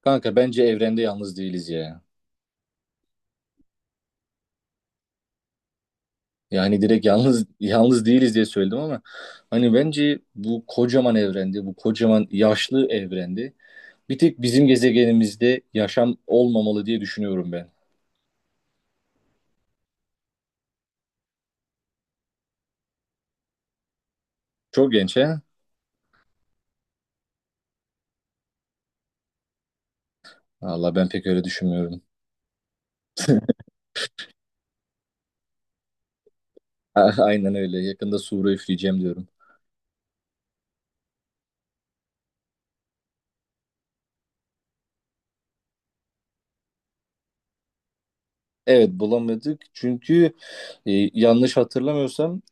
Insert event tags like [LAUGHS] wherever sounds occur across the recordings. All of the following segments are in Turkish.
Kanka bence evrende yalnız değiliz ya. Yani direkt yalnız yalnız değiliz diye söyledim ama hani bence bu kocaman evrende, bu kocaman yaşlı evrende bir tek bizim gezegenimizde yaşam olmamalı diye düşünüyorum ben. Çok genç he? Valla ben pek öyle düşünmüyorum. [LAUGHS] Aynen öyle. Yakında Suriye üfleyeceğim diyorum. Evet bulamadık çünkü yanlış hatırlamıyorsam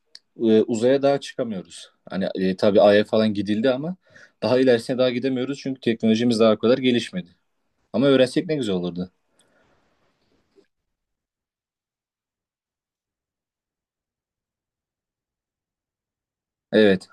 uzaya daha çıkamıyoruz. Hani tabii Ay'a falan gidildi ama daha ilerisine daha gidemiyoruz çünkü teknolojimiz daha o kadar gelişmedi. Ama öğrensek ne güzel olurdu. Evet.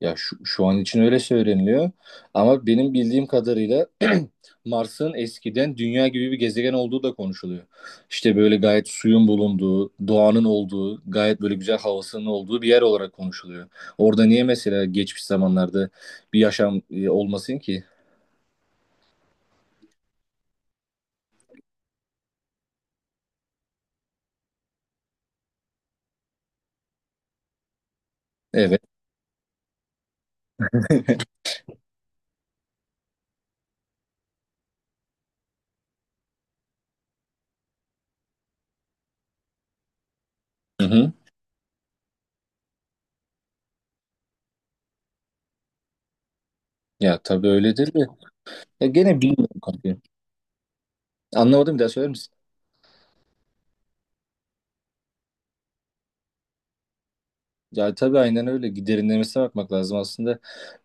Ya şu an için öyle söyleniliyor. Ama benim bildiğim kadarıyla [CLEARS THROAT] Mars'ın eskiden dünya gibi bir gezegen olduğu da konuşuluyor. İşte böyle gayet suyun bulunduğu, doğanın olduğu, gayet böyle güzel havasının olduğu bir yer olarak konuşuluyor. Orada niye mesela geçmiş zamanlarda bir yaşam olmasın ki? Evet. [LAUGHS] Hı hı. Ya tabii öyledir de. Ya gene bilmiyorum kanka. Anlamadım bir daha söyler misin? Ya tabii aynen öyle. Derinlemesine bakmak lazım aslında.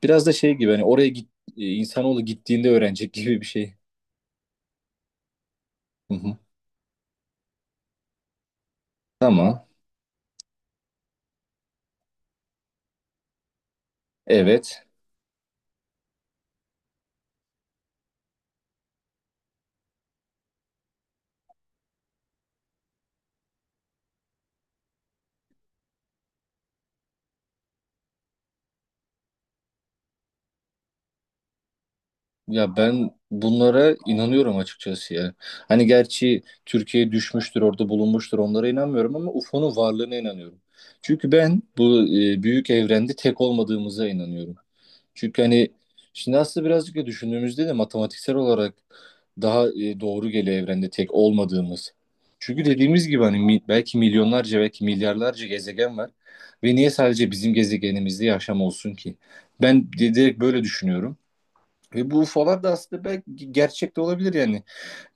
Biraz da şey gibi hani oraya git, insanoğlu gittiğinde öğrenecek [LAUGHS] gibi bir şey. Hı hı. Ama evet. Ya ben bunlara inanıyorum açıkçası ya. Hani gerçi Türkiye düşmüştür, orada bulunmuştur onlara inanmıyorum ama UFO'nun varlığına inanıyorum. Çünkü ben bu büyük evrende tek olmadığımıza inanıyorum. Çünkü hani şimdi aslında birazcık da düşündüğümüzde de matematiksel olarak daha doğru geliyor evrende tek olmadığımız. Çünkü dediğimiz gibi hani belki milyonlarca belki milyarlarca gezegen var ve niye sadece bizim gezegenimizde yaşam olsun ki? Ben direkt böyle düşünüyorum. Ve bu UFO'lar da aslında belki gerçek de olabilir yani.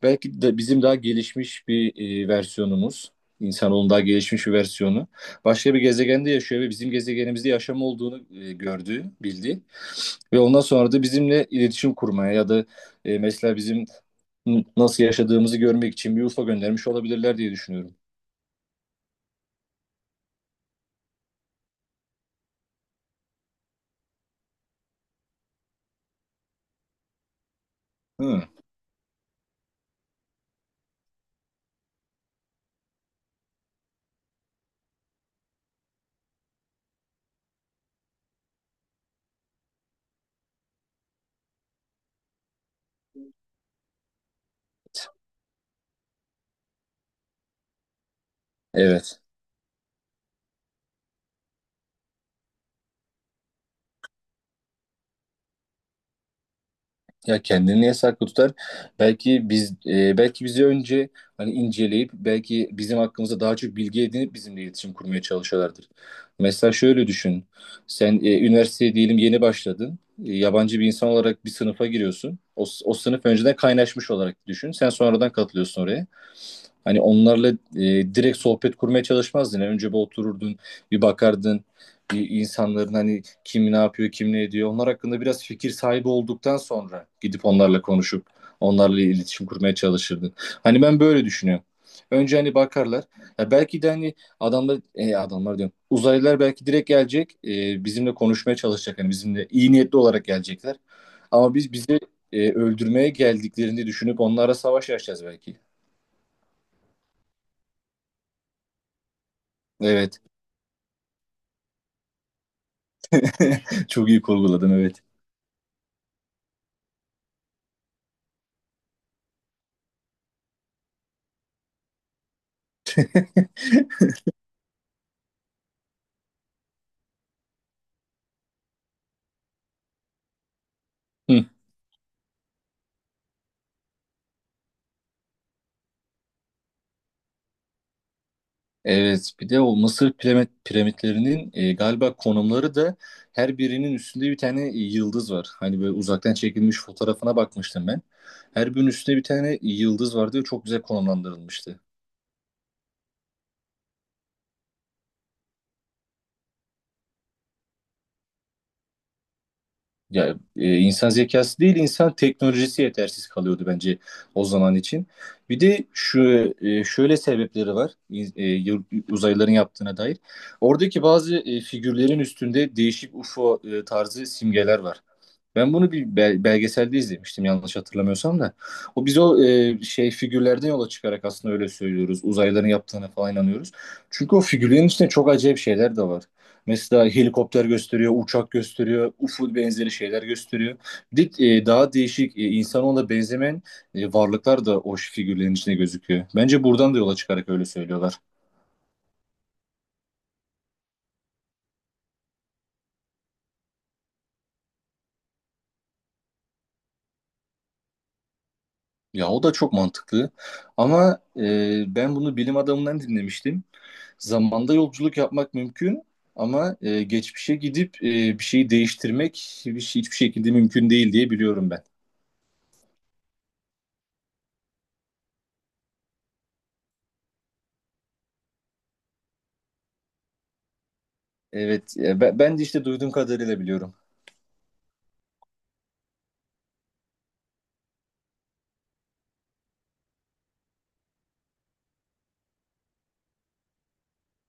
Belki de bizim daha gelişmiş bir versiyonumuz, insanoğlunun daha gelişmiş bir versiyonu başka bir gezegende yaşıyor ve bizim gezegenimizde yaşam olduğunu gördüğü, bildiği. Ve ondan sonra da bizimle iletişim kurmaya ya da mesela bizim nasıl yaşadığımızı görmek için bir UFO göndermiş olabilirler diye düşünüyorum. Hı. Evet. Ya kendini niye saklı tutar? Belki belki bizi önce hani inceleyip belki bizim hakkımızda daha çok bilgi edinip bizimle iletişim kurmaya çalışıyorlardır. Mesela şöyle düşün. Sen üniversiteye diyelim yeni başladın. Yabancı bir insan olarak bir sınıfa giriyorsun. O sınıf önceden kaynaşmış olarak düşün. Sen sonradan katılıyorsun oraya. Hani onlarla direkt sohbet kurmaya çalışmazdın. Önce bir otururdun, bir bakardın. Bir insanların hani kim ne yapıyor, kim ne ediyor. Onlar hakkında biraz fikir sahibi olduktan sonra gidip onlarla konuşup onlarla iletişim kurmaya çalışırdın. Hani ben böyle düşünüyorum. Önce hani bakarlar. Ya belki de hani adamlar diyorum. Uzaylılar belki direkt gelecek. Bizimle konuşmaya çalışacak. Hani bizimle iyi niyetli olarak gelecekler. Ama bizi öldürmeye geldiklerini düşünüp onlara savaş açacağız belki. Evet. [LAUGHS] Çok iyi kurguladın evet. [LAUGHS] Evet, bir de o piramitlerinin galiba konumları da her birinin üstünde bir tane yıldız var. Hani böyle uzaktan çekilmiş fotoğrafına bakmıştım ben. Her birinin üstünde bir tane yıldız vardı ve çok güzel konumlandırılmıştı. Ya insan zekası değil, insan teknolojisi yetersiz kalıyordu bence o zaman için. Bir de şöyle sebepleri var uzaylıların yaptığına dair. Oradaki bazı figürlerin üstünde değişik UFO tarzı simgeler var. Ben bunu bir belgeselde izlemiştim yanlış hatırlamıyorsam da. O şey figürlerden yola çıkarak aslında öyle söylüyoruz. Uzaylıların yaptığına falan inanıyoruz. Çünkü o figürlerin içinde çok acayip şeyler de var. Mesela helikopter gösteriyor, uçak gösteriyor, UFO benzeri şeyler gösteriyor. Bir de, daha değişik insanoğluna benzemeyen varlıklar da o figürlerin içinde gözüküyor. Bence buradan da yola çıkarak öyle söylüyorlar. Ya o da çok mantıklı. Ama ben bunu bilim adamından dinlemiştim. Zamanda yolculuk yapmak mümkün ama geçmişe gidip bir şeyi değiştirmek hiçbir şekilde mümkün değil diye biliyorum ben. Evet, ben de işte duyduğum kadarıyla biliyorum.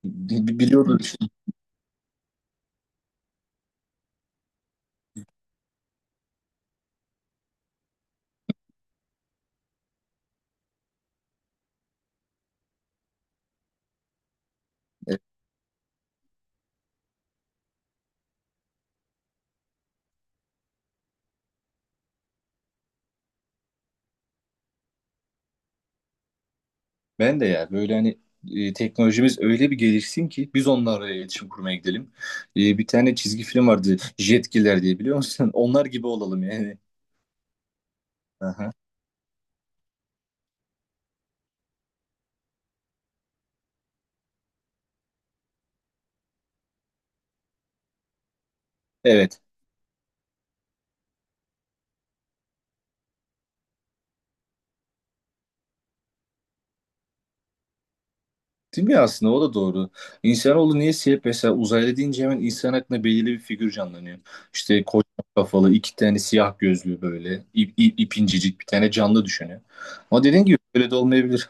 Biliyordum. E, Ben de ya böyle hani teknolojimiz öyle bir gelişsin ki biz onlarla iletişim kurmaya gidelim. Bir tane çizgi film vardı Jetgiller diye biliyor musun? [LAUGHS] Onlar gibi olalım yani. Aha. Evet. Değil mi aslında o da doğru. İnsanoğlu niye hep mesela uzaylı deyince hemen insan aklına belirli bir figür canlanıyor. İşte kocaman kafalı iki tane siyah gözlü böyle ip bir tane canlı düşünüyor. Ama dediğin gibi öyle de olmayabilir.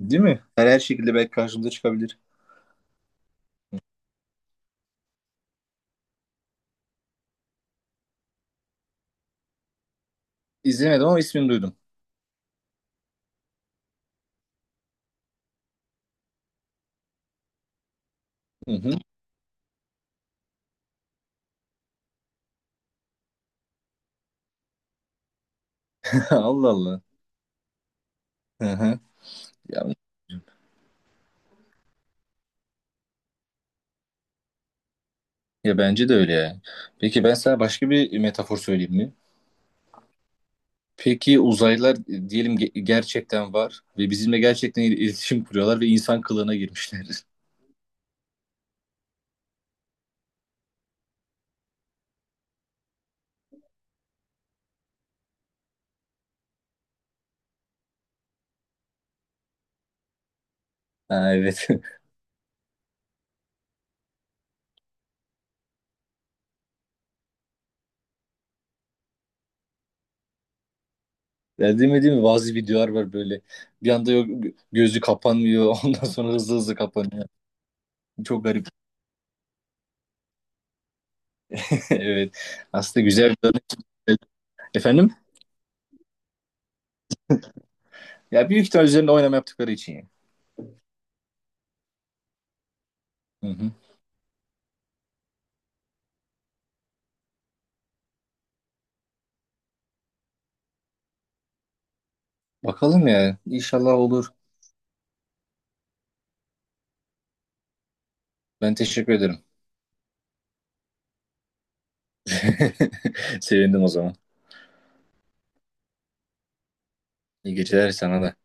Değil mi? Her şekilde belki karşımıza çıkabilir. İzlemedim ama ismini duydum. Hı hı. [LAUGHS] Allah Allah. Hı hı. Ya, Ya bence de öyle ya. Peki ben sana başka bir metafor söyleyeyim mi? Peki uzaylılar diyelim gerçekten var ve bizimle gerçekten iletişim kuruyorlar ve insan kılığına girmişler. [LAUGHS] Ha, evet. [LAUGHS] Ya değil mi? Bazı videolar var böyle. Bir anda yok, gözü kapanmıyor. [LAUGHS] Ondan sonra hızlı hızlı kapanıyor. Çok garip. [LAUGHS] Evet. Aslında güzel bir örnek. Efendim? Ya büyük ihtimal üzerinde oynama yaptıkları için ya. Hı hı. Bakalım ya. İnşallah olur. Ben teşekkür ederim. [LAUGHS] Sevindim o zaman. İyi geceler sana da.